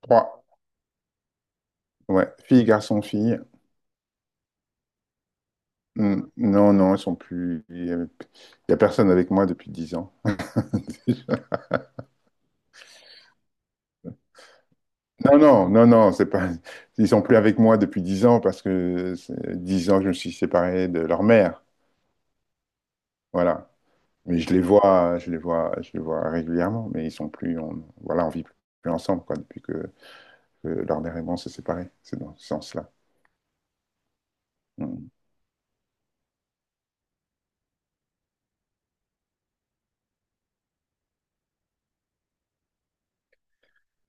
Trois. Ouais. Fille, garçon, fille. Hmm. Non, non, ils sont plus. Il y a personne avec moi depuis 10 ans. Non, non, non, non, c'est pas. Ils sont plus avec moi depuis 10 ans parce que c'est 10 ans que je me suis séparé de leur mère. Voilà. Mais je les vois, je les vois, je les vois régulièrement, mais ils sont plus. On, voilà, on vit plus ensemble, quoi, depuis que leur mère et moi on s'est séparés. C'est dans ce sens-là. Mm.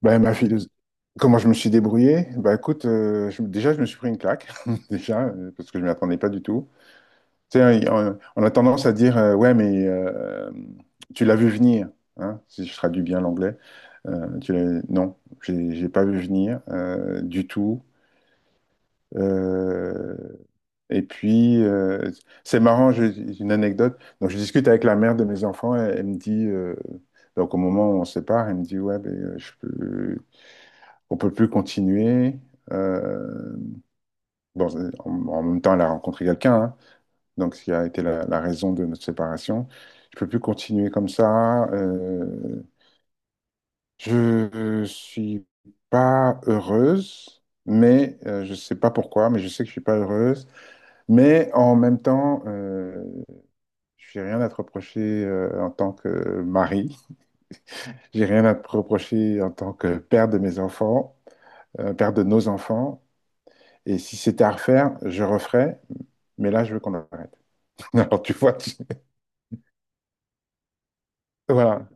Ben, ma philosophie. Comment je me suis débrouillé? Bah écoute, déjà je me suis pris une claque, déjà, parce que je ne m'y attendais pas du tout. Tu sais, on a tendance à dire, ouais, mais tu l'as vu venir, hein, si je traduis bien l'anglais. Non, j'ai pas vu venir du tout. Euh, et puis, c'est marrant, j'ai une anecdote. Donc, je discute avec la mère de mes enfants, elle, elle me dit, donc au moment où on se sépare, elle me dit, ouais, ben, on peut plus continuer. Euh, bon, en même temps, elle a rencontré quelqu'un, hein, donc ce qui a été la raison de notre séparation. Je peux plus continuer comme ça. Je suis pas heureuse, mais je sais pas pourquoi, mais je sais que je suis pas heureuse. Mais en même temps, j'ai rien à te reprocher en tant que mari. J'ai rien à te reprocher en tant que père de mes enfants, père de nos enfants. Et si c'était à refaire, je referais. Mais là, je veux qu'on arrête. Alors, tu vois, voilà.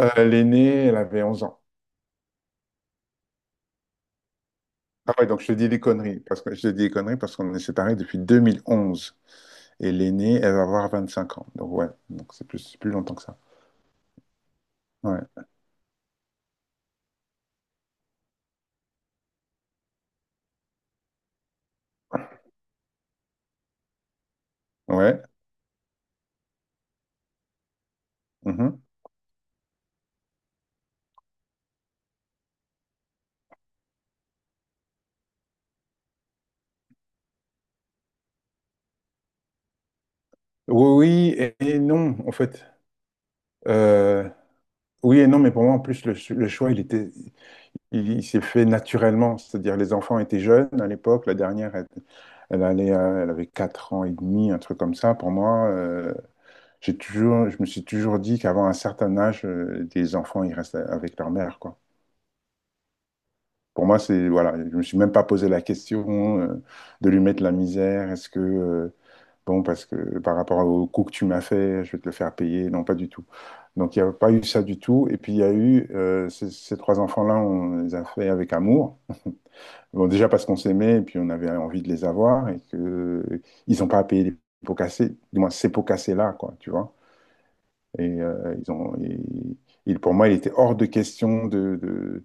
L'aînée, elle avait 11 ans. Ah ouais, donc je te dis des conneries, parce que je te dis des conneries parce qu'on est séparés depuis 2011. Et l'aînée, elle va avoir 25 ans. Donc ouais, donc c'est plus longtemps que ça. Ouais. Ouais. Mhm. Oui, oui et non, en fait. Euh, oui et non, mais pour moi, en plus, le choix, il était, il s'est fait naturellement. C'est-à-dire, les enfants étaient jeunes à l'époque. La dernière, elle, elle allait, elle avait 4 ans et demi, un truc comme ça. Pour moi, j'ai toujours, je me suis toujours dit qu'avant un certain âge, des enfants, ils restent avec leur mère, quoi. Pour moi, c'est, voilà, je me suis même pas posé la question de lui mettre la misère. Est-ce que, bon, parce que par rapport au coup que tu m'as fait, je vais te le faire payer. Non, pas du tout. Donc, il n'y a pas eu ça du tout. Et puis, il y a eu ces trois enfants-là, on les a fait avec amour. Bon, déjà parce qu'on s'aimait et puis on avait envie de les avoir et que ils n'ont pas à payer les pots cassés, du moins ces pots cassés-là, quoi, tu vois. Et ils ont, et- il- Pour moi, il était hors de question de. de,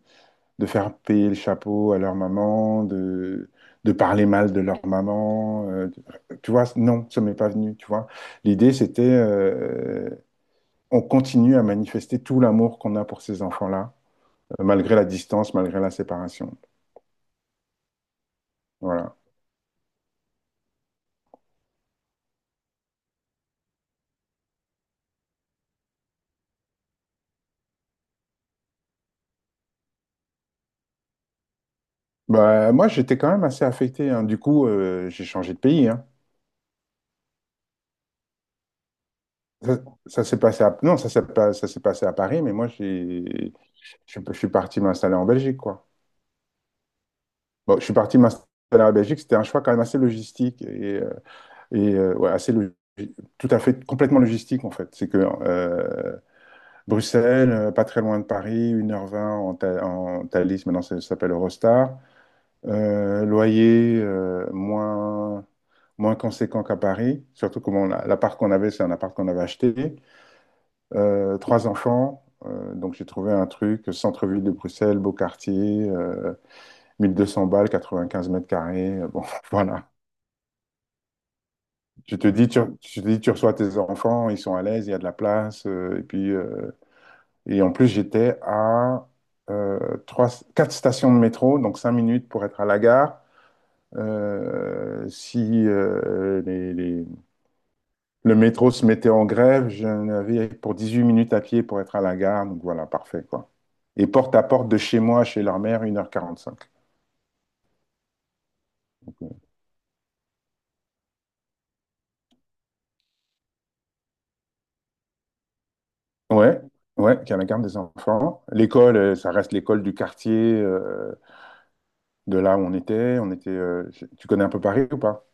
de faire payer le chapeau à leur maman, de parler mal de leur maman. Tu vois, non, ça m'est pas venu, tu vois. L'idée, c'était, on continue à manifester tout l'amour qu'on a pour ces enfants-là, malgré la distance, malgré la séparation. Voilà. Bah, moi, j'étais quand même assez affecté, hein. Du coup, j'ai changé de pays, hein. Ça, ça s'est passé à... Non, ça s'est pas- ça s'est passé à Paris, mais moi, j'ai... Je suis parti m'installer en Belgique, quoi. Bon, je suis parti m'installer en Belgique, c'était un choix quand même assez logistique. Et, ouais, assez logique. Tout à fait, complètement logistique en fait. C'est que Bruxelles, pas très loin de Paris, 1h20 en Thalys, maintenant ça, ça s'appelle Eurostar. Loyer moins conséquent qu'à Paris, surtout que bon, l'appart qu'on avait, c'est un appart qu'on avait acheté. Trois enfants, donc j'ai trouvé un truc, centre-ville de Bruxelles, beau quartier, 1200 balles, 95 mètres carrés. Bon, voilà. Je te dis, tu reçois tes enfants, ils sont à l'aise, il y a de la place. Et puis, et en plus, j'étais à euh, trois, quatre stations de métro, donc 5 minutes pour être à la gare. Si le métro se mettait en grève, j'en avais pour 8 minutes à pied pour être à la gare. Donc voilà, parfait, quoi. Et porte à porte de chez moi, chez leur mère, 1h45. Donc, ouais, ouais, qui est la garde des enfants. L'école, ça reste l'école du quartier. De là où on était. On était tu connais un peu Paris ou pas?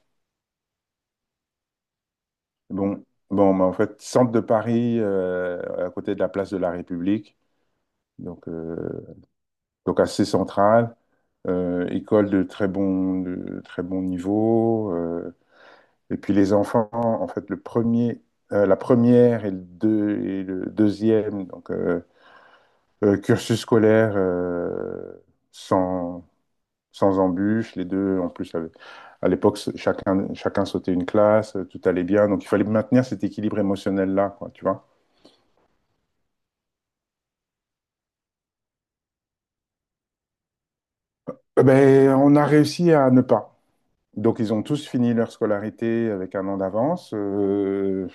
Bon, bon, bah, en fait, centre de Paris, à côté de la place de la République, donc, euh, donc assez central, école de très bon, niveau. Et puis les enfants, en fait, la première et le deuxième donc, cursus scolaire sans, sans embûches. Les deux, en plus, à l'époque, chacun sautait une classe, tout allait bien. Donc, il fallait maintenir cet équilibre émotionnel-là, quoi, tu vois. Eh ben, on a réussi à ne pas. Donc, ils ont tous fini leur scolarité avec un an d'avance,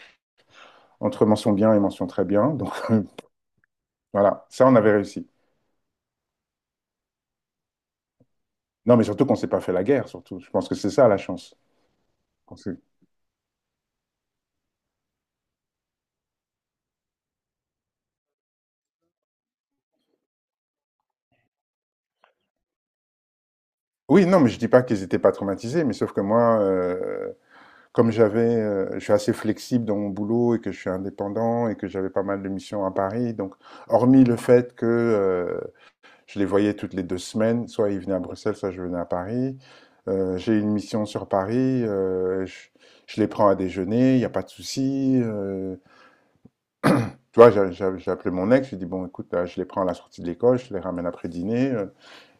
entre mention bien et mention très bien. Donc, voilà, ça, on avait réussi. Non, mais surtout qu'on s'est pas fait la guerre, surtout. Je pense que c'est ça, la chance. Qu'on s'est- Oui, non, mais je dis pas qu'ils étaient pas traumatisés, mais sauf que moi, comme j'avais, je suis assez flexible dans mon boulot et que je suis indépendant et que j'avais pas mal de missions à Paris, donc hormis le fait que je les voyais toutes les 2 semaines, soit ils venaient à Bruxelles, soit je venais à Paris, j'ai une mission sur Paris, je les prends à déjeuner, il n'y a pas de souci. Tu vois, j'ai appelé mon ex, je lui ai dit, bon, écoute, là, je les prends à la sortie de l'école, je les ramène après dîner,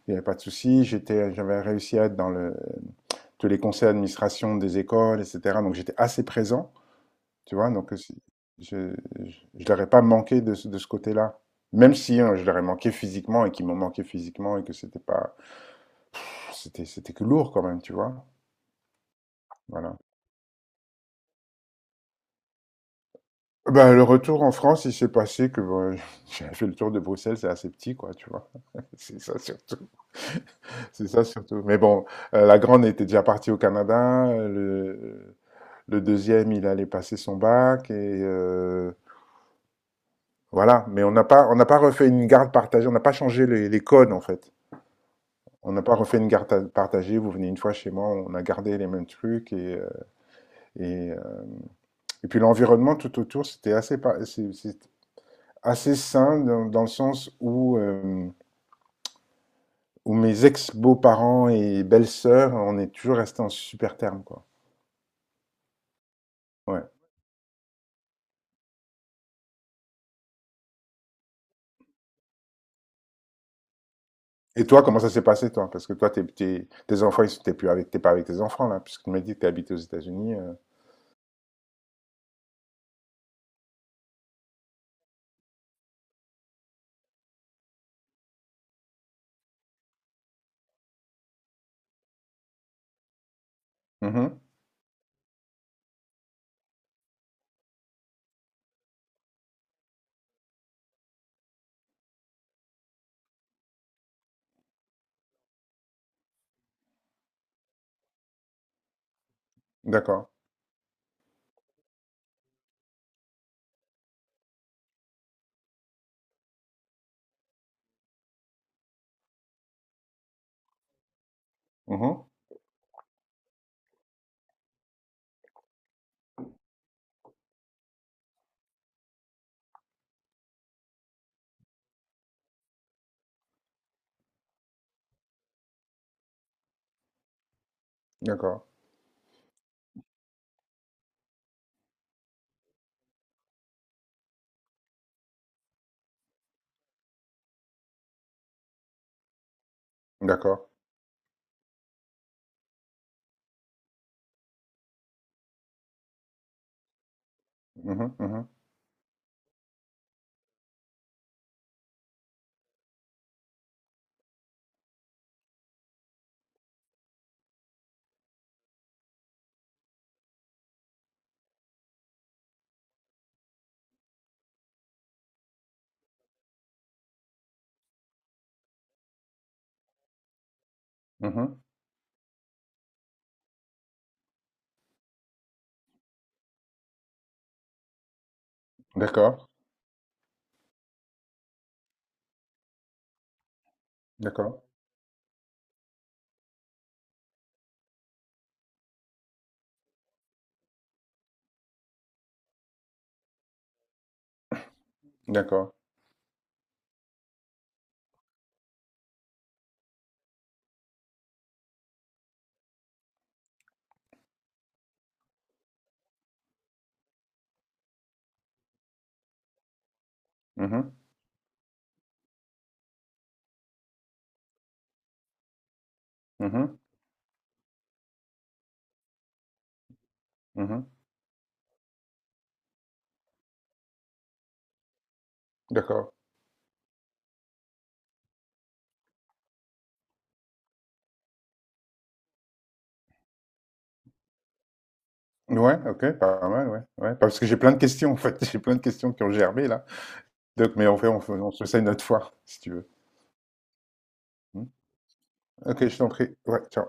il n'y avait pas de souci. J'avais réussi à être dans tous les conseils d'administration des écoles, etc. Donc j'étais assez présent. Tu vois, donc je ne leur ai pas manqué de ce côté-là. Même si hein, je leur ai manqué physiquement et qu'ils m'ont manqué physiquement et que c'était pas, c'était c'était que lourd quand même, tu vois. Voilà. Ben, le retour en France, il s'est passé que bon, j'avais fait le tour de Bruxelles, c'est assez petit, quoi, tu vois. C'est ça surtout. C'est ça surtout. Mais bon, la grande était déjà partie au Canada. Le deuxième, il allait passer son bac et voilà. Mais on n'a pas refait une garde partagée. On n'a pas changé les codes en fait. On n'a pas refait une garde partagée, vous venez une fois chez moi, on a gardé les mêmes trucs. Et, euh, et puis l'environnement tout autour, c'était assez sain dans le sens où mes ex-beaux-parents et belles-sœurs, on est toujours restés en super terme, quoi. Ouais. Et toi, comment ça s'est passé, toi? Parce que toi, tes enfants, t'es pas avec tes enfants, là, puisque tu m'as dit que t'es habité aux États-Unis. Mhm. D'accord. Mhm. D'accord. D'accord. Mhm. Mhm. Mhm. D'accord. D'accord. D'accord. Mhm. Mhm. Mhm. D'accord. Ouais, OK, pas mal, ouais, ouais. Parce que j'ai plein de questions, en fait. J'ai plein de questions qui ont germé, là. Donc mais en fait on se fait ça une autre fois, si tu veux. Mmh. OK, je t'en prie. Ouais, ciao.